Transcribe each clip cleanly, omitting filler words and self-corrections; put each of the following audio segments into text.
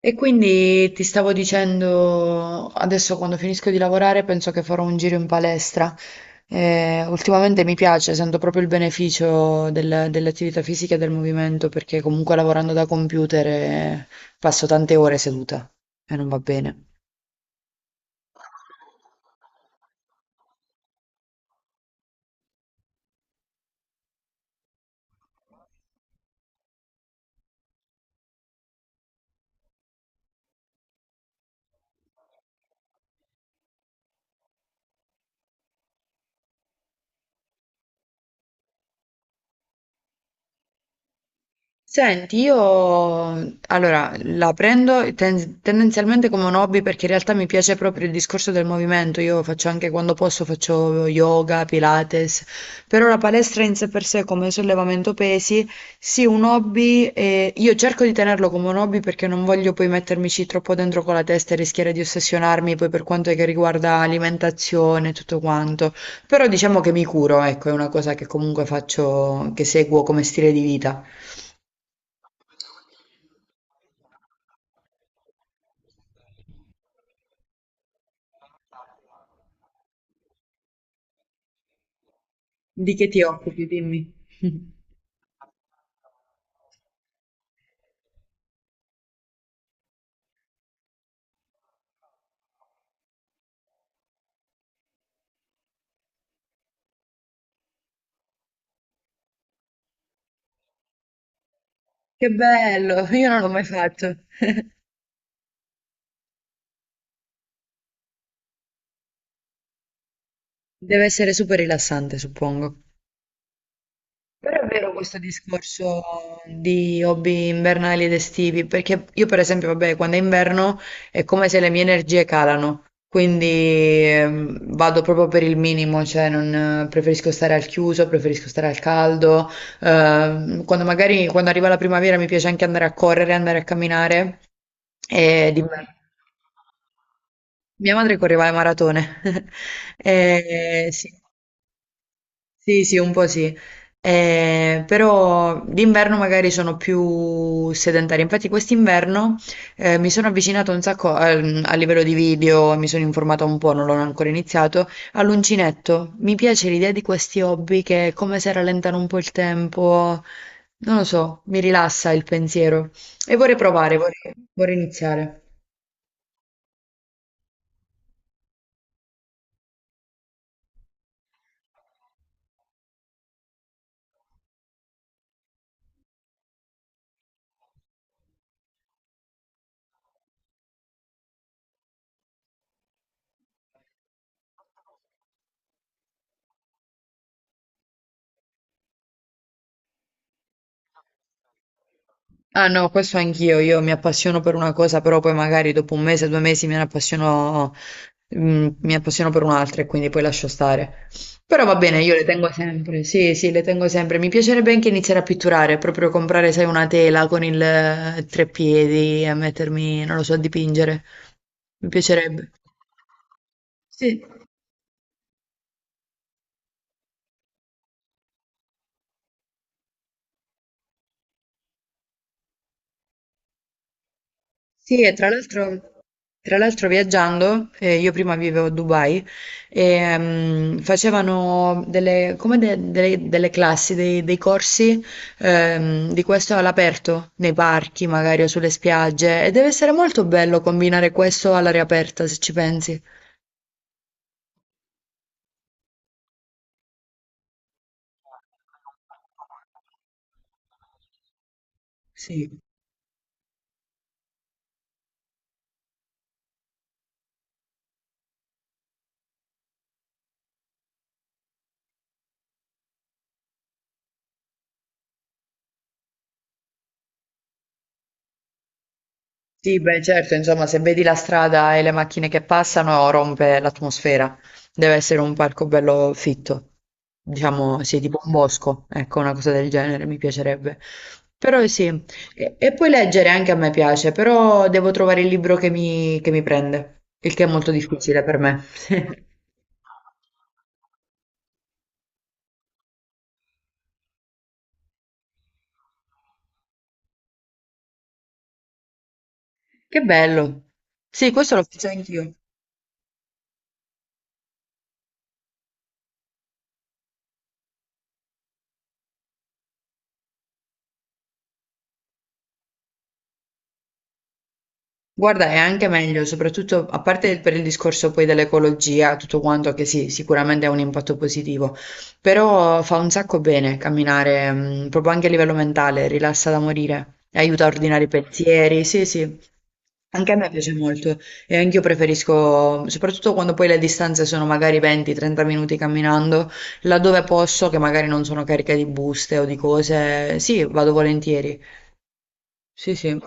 E quindi ti stavo dicendo, adesso quando finisco di lavorare penso che farò un giro in palestra. Ultimamente mi piace, sento proprio il beneficio delle attività fisiche e del movimento, perché comunque lavorando da computer passo tante ore seduta e non va bene. Senti, io allora la prendo tendenzialmente come un hobby perché in realtà mi piace proprio il discorso del movimento. Io faccio anche quando posso, faccio yoga, pilates, però la palestra in sé per sé come sollevamento pesi, sì, un hobby. Io cerco di tenerlo come un hobby perché non voglio poi mettermici troppo dentro con la testa e rischiare di ossessionarmi poi per quanto che riguarda alimentazione e tutto quanto. Però diciamo che mi curo, ecco, è una cosa che comunque faccio, che seguo come stile di vita. Di che ti occupi, dimmi. Che bello, io non l'ho mai fatto. Deve essere super rilassante, suppongo. Però è vero questo discorso di hobby invernali ed estivi, perché io per esempio, vabbè, quando è inverno è come se le mie energie calano, quindi vado proprio per il minimo, cioè non, preferisco stare al chiuso, preferisco stare al caldo, quando arriva la primavera mi piace anche andare a correre, andare a camminare, e d'inverno. Mia madre correva le maratone, sì, sì, sì, un po' sì. Però d'inverno magari sono più sedentaria. Infatti quest'inverno mi sono avvicinata un sacco a livello di video, mi sono informata un po', non l'ho ancora iniziato, all'uncinetto. Mi piace l'idea di questi hobby che è come se rallentano un po' il tempo, non lo so, mi rilassa il pensiero e vorrei provare, vorrei iniziare. Ah no, questo anch'io, io mi appassiono per una cosa, però poi magari dopo un mese, due mesi me ne appassiono, mi appassiono per un'altra e quindi poi lascio stare. Però va bene, io le tengo sempre, sì, sì, le tengo sempre. Mi piacerebbe anche iniziare a pitturare, proprio comprare, sai, una tela con il treppiedi e mettermi, non lo so, a dipingere. Mi piacerebbe. Sì. Sì, e tra l'altro viaggiando, io prima vivevo a Dubai, facevano delle, come de- delle, delle classi, dei corsi di questo all'aperto, nei parchi magari o sulle spiagge, e deve essere molto bello combinare questo all'aria aperta, se ci pensi. Sì. Sì, beh, certo, insomma, se vedi la strada e le macchine che passano, rompe l'atmosfera. Deve essere un parco bello fitto. Diciamo, sì, tipo un bosco, ecco, una cosa del genere, mi piacerebbe. Però sì, e poi leggere anche a me piace, però devo trovare il libro che mi prende, il che è molto difficile per me. Che bello. Sì, questo l'ho fatto anch'io. Guarda, è anche meglio, soprattutto a parte per il discorso poi dell'ecologia, tutto quanto che sì, sicuramente ha un impatto positivo, però fa un sacco bene camminare, mm, proprio anche a livello mentale, rilassa da morire, aiuta a ordinare i pensieri, sì, sì. Anche a me piace molto e anch'io preferisco, soprattutto quando poi le distanze sono magari 20-30 minuti camminando, laddove posso, che magari non sono carica di buste o di cose, sì, vado volentieri. Sì, sì.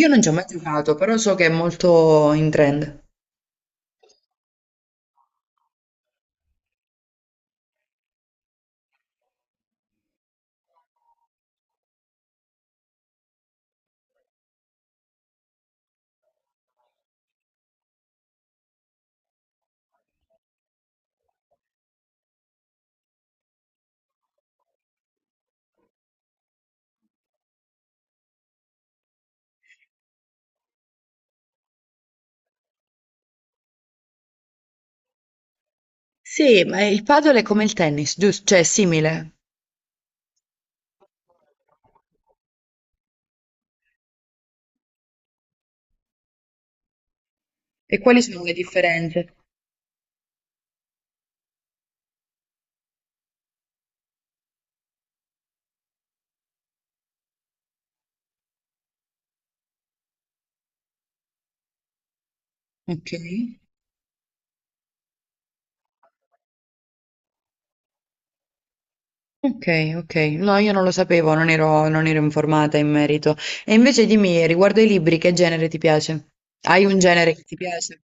Io non ci ho mai giocato, però so che è molto in trend. Sì, ma il padel è come il tennis, giusto? Cioè, è simile. E quali sono le differenze? Ok. Ok, ok. No, io non lo sapevo, non ero informata in merito. E invece dimmi, riguardo ai libri, che genere ti piace? Hai un genere che ti piace?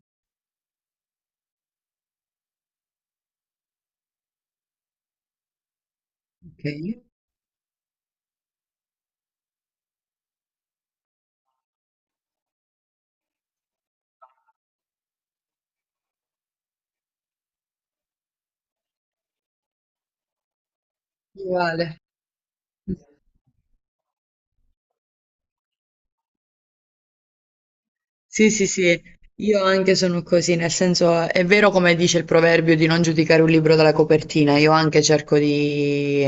Ok, uguale. Sì, sì, sì, io anche sono così, nel senso è vero come dice il proverbio di non giudicare un libro dalla copertina, io anche cerco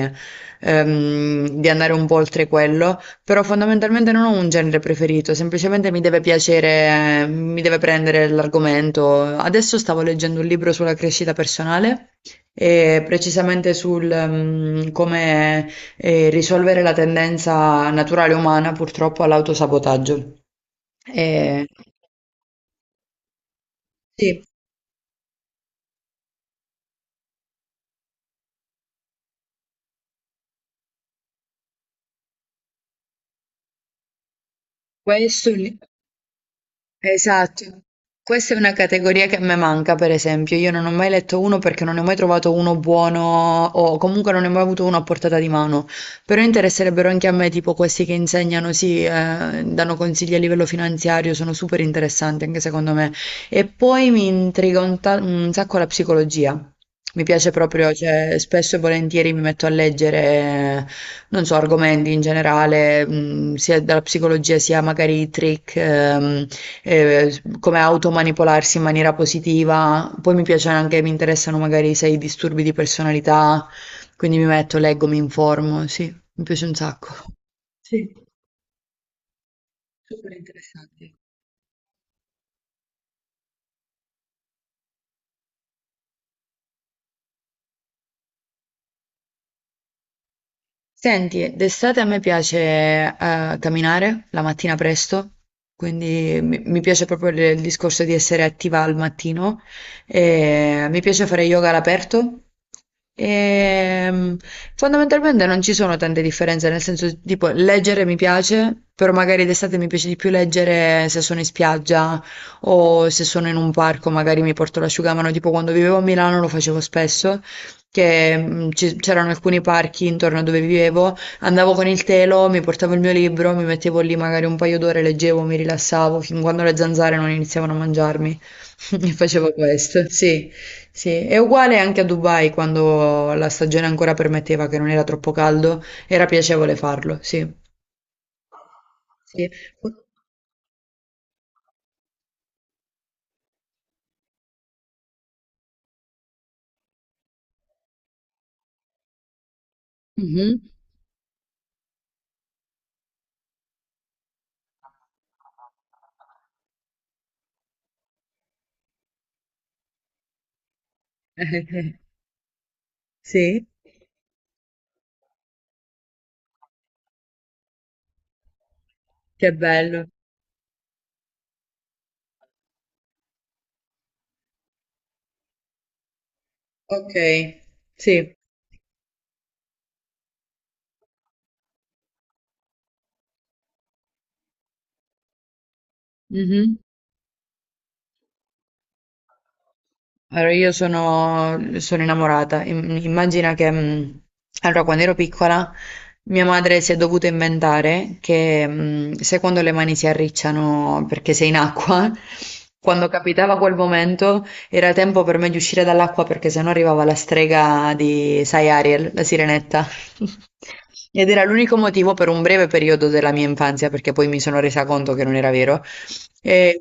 di andare un po' oltre quello, però fondamentalmente non ho un genere preferito, semplicemente mi deve piacere, mi deve prendere l'argomento. Adesso stavo leggendo un libro sulla crescita personale e precisamente sul, come, risolvere la tendenza naturale umana purtroppo all'autosabotaggio. E- sì, questo lì. Esatto. Questa è una categoria che a me manca, per esempio. Io non ho mai letto uno perché non ne ho mai trovato uno buono o comunque non ne ho mai avuto uno a portata di mano. Però interesserebbero anche a me, tipo questi che insegnano, sì, danno consigli a livello finanziario, sono super interessanti anche secondo me. E poi mi intriga un sacco la psicologia. Mi piace proprio, cioè, spesso e volentieri mi metto a leggere, non so, argomenti in generale, sia dalla psicologia sia magari i trick. Come automanipolarsi in maniera positiva. Poi mi piace anche, mi interessano magari se hai disturbi di personalità, quindi mi metto, leggo, mi informo, sì, mi piace un sacco. Sì, super interessante. Senti, d'estate a me piace camminare la mattina presto, quindi mi piace proprio il discorso di essere attiva al mattino. E mi piace fare yoga all'aperto. E, mm, Fondamentalmente non ci sono tante differenze, nel senso tipo leggere mi piace, però magari d'estate mi piace di più leggere se sono in spiaggia o se sono in un parco, magari mi porto l'asciugamano, tipo quando vivevo a Milano lo facevo spesso che c'erano alcuni parchi intorno a dove vivevo, andavo con il telo, mi portavo il mio libro, mi mettevo lì magari un paio d'ore, leggevo, mi rilassavo, fin quando le zanzare non iniziavano a mangiarmi. E facevo questo, sì, sì. È uguale anche a Dubai, quando la stagione ancora permetteva che non era troppo caldo, era piacevole farlo, sì. Sì. Mhm. Sì, che bello. Ok, sì. Mhm. Allora, sono innamorata. Immagina che, allora, quando ero piccola, mia madre si è dovuta inventare che, se quando le mani si arricciano perché sei in acqua, quando capitava quel momento, era tempo per me di uscire dall'acqua perché sennò arrivava la strega di, sai, Ariel, la sirenetta. Ed era l'unico motivo per un breve periodo della mia infanzia, perché poi mi sono resa conto che non era vero, e-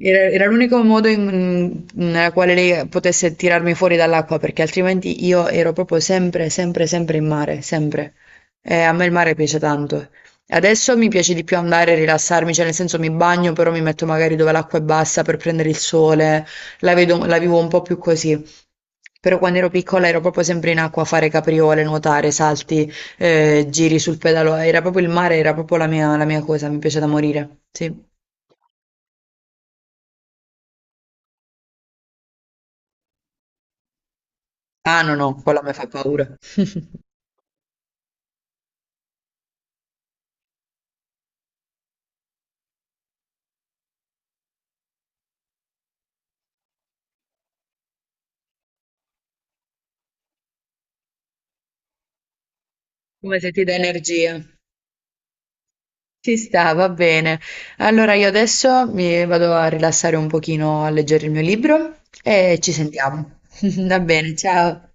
era l'unico modo nella quale lei potesse tirarmi fuori dall'acqua, perché altrimenti io ero proprio sempre, sempre, sempre in mare, sempre. E a me il mare piace tanto. Adesso mi piace di più andare a rilassarmi, cioè nel senso mi bagno, però mi metto magari dove l'acqua è bassa per prendere il sole, la vivo un po' più così. Però quando ero piccola ero proprio sempre in acqua a fare capriole, nuotare, salti, giri sul pedalò. Era proprio il mare, era proprio la mia cosa, mi piace da morire. Sì. Ah no, no, quella mi fa paura. Come se ti dà energia. Ci sta, va bene. Allora io adesso mi vado a rilassare un pochino a leggere il mio libro e ci sentiamo. Va bene, ciao.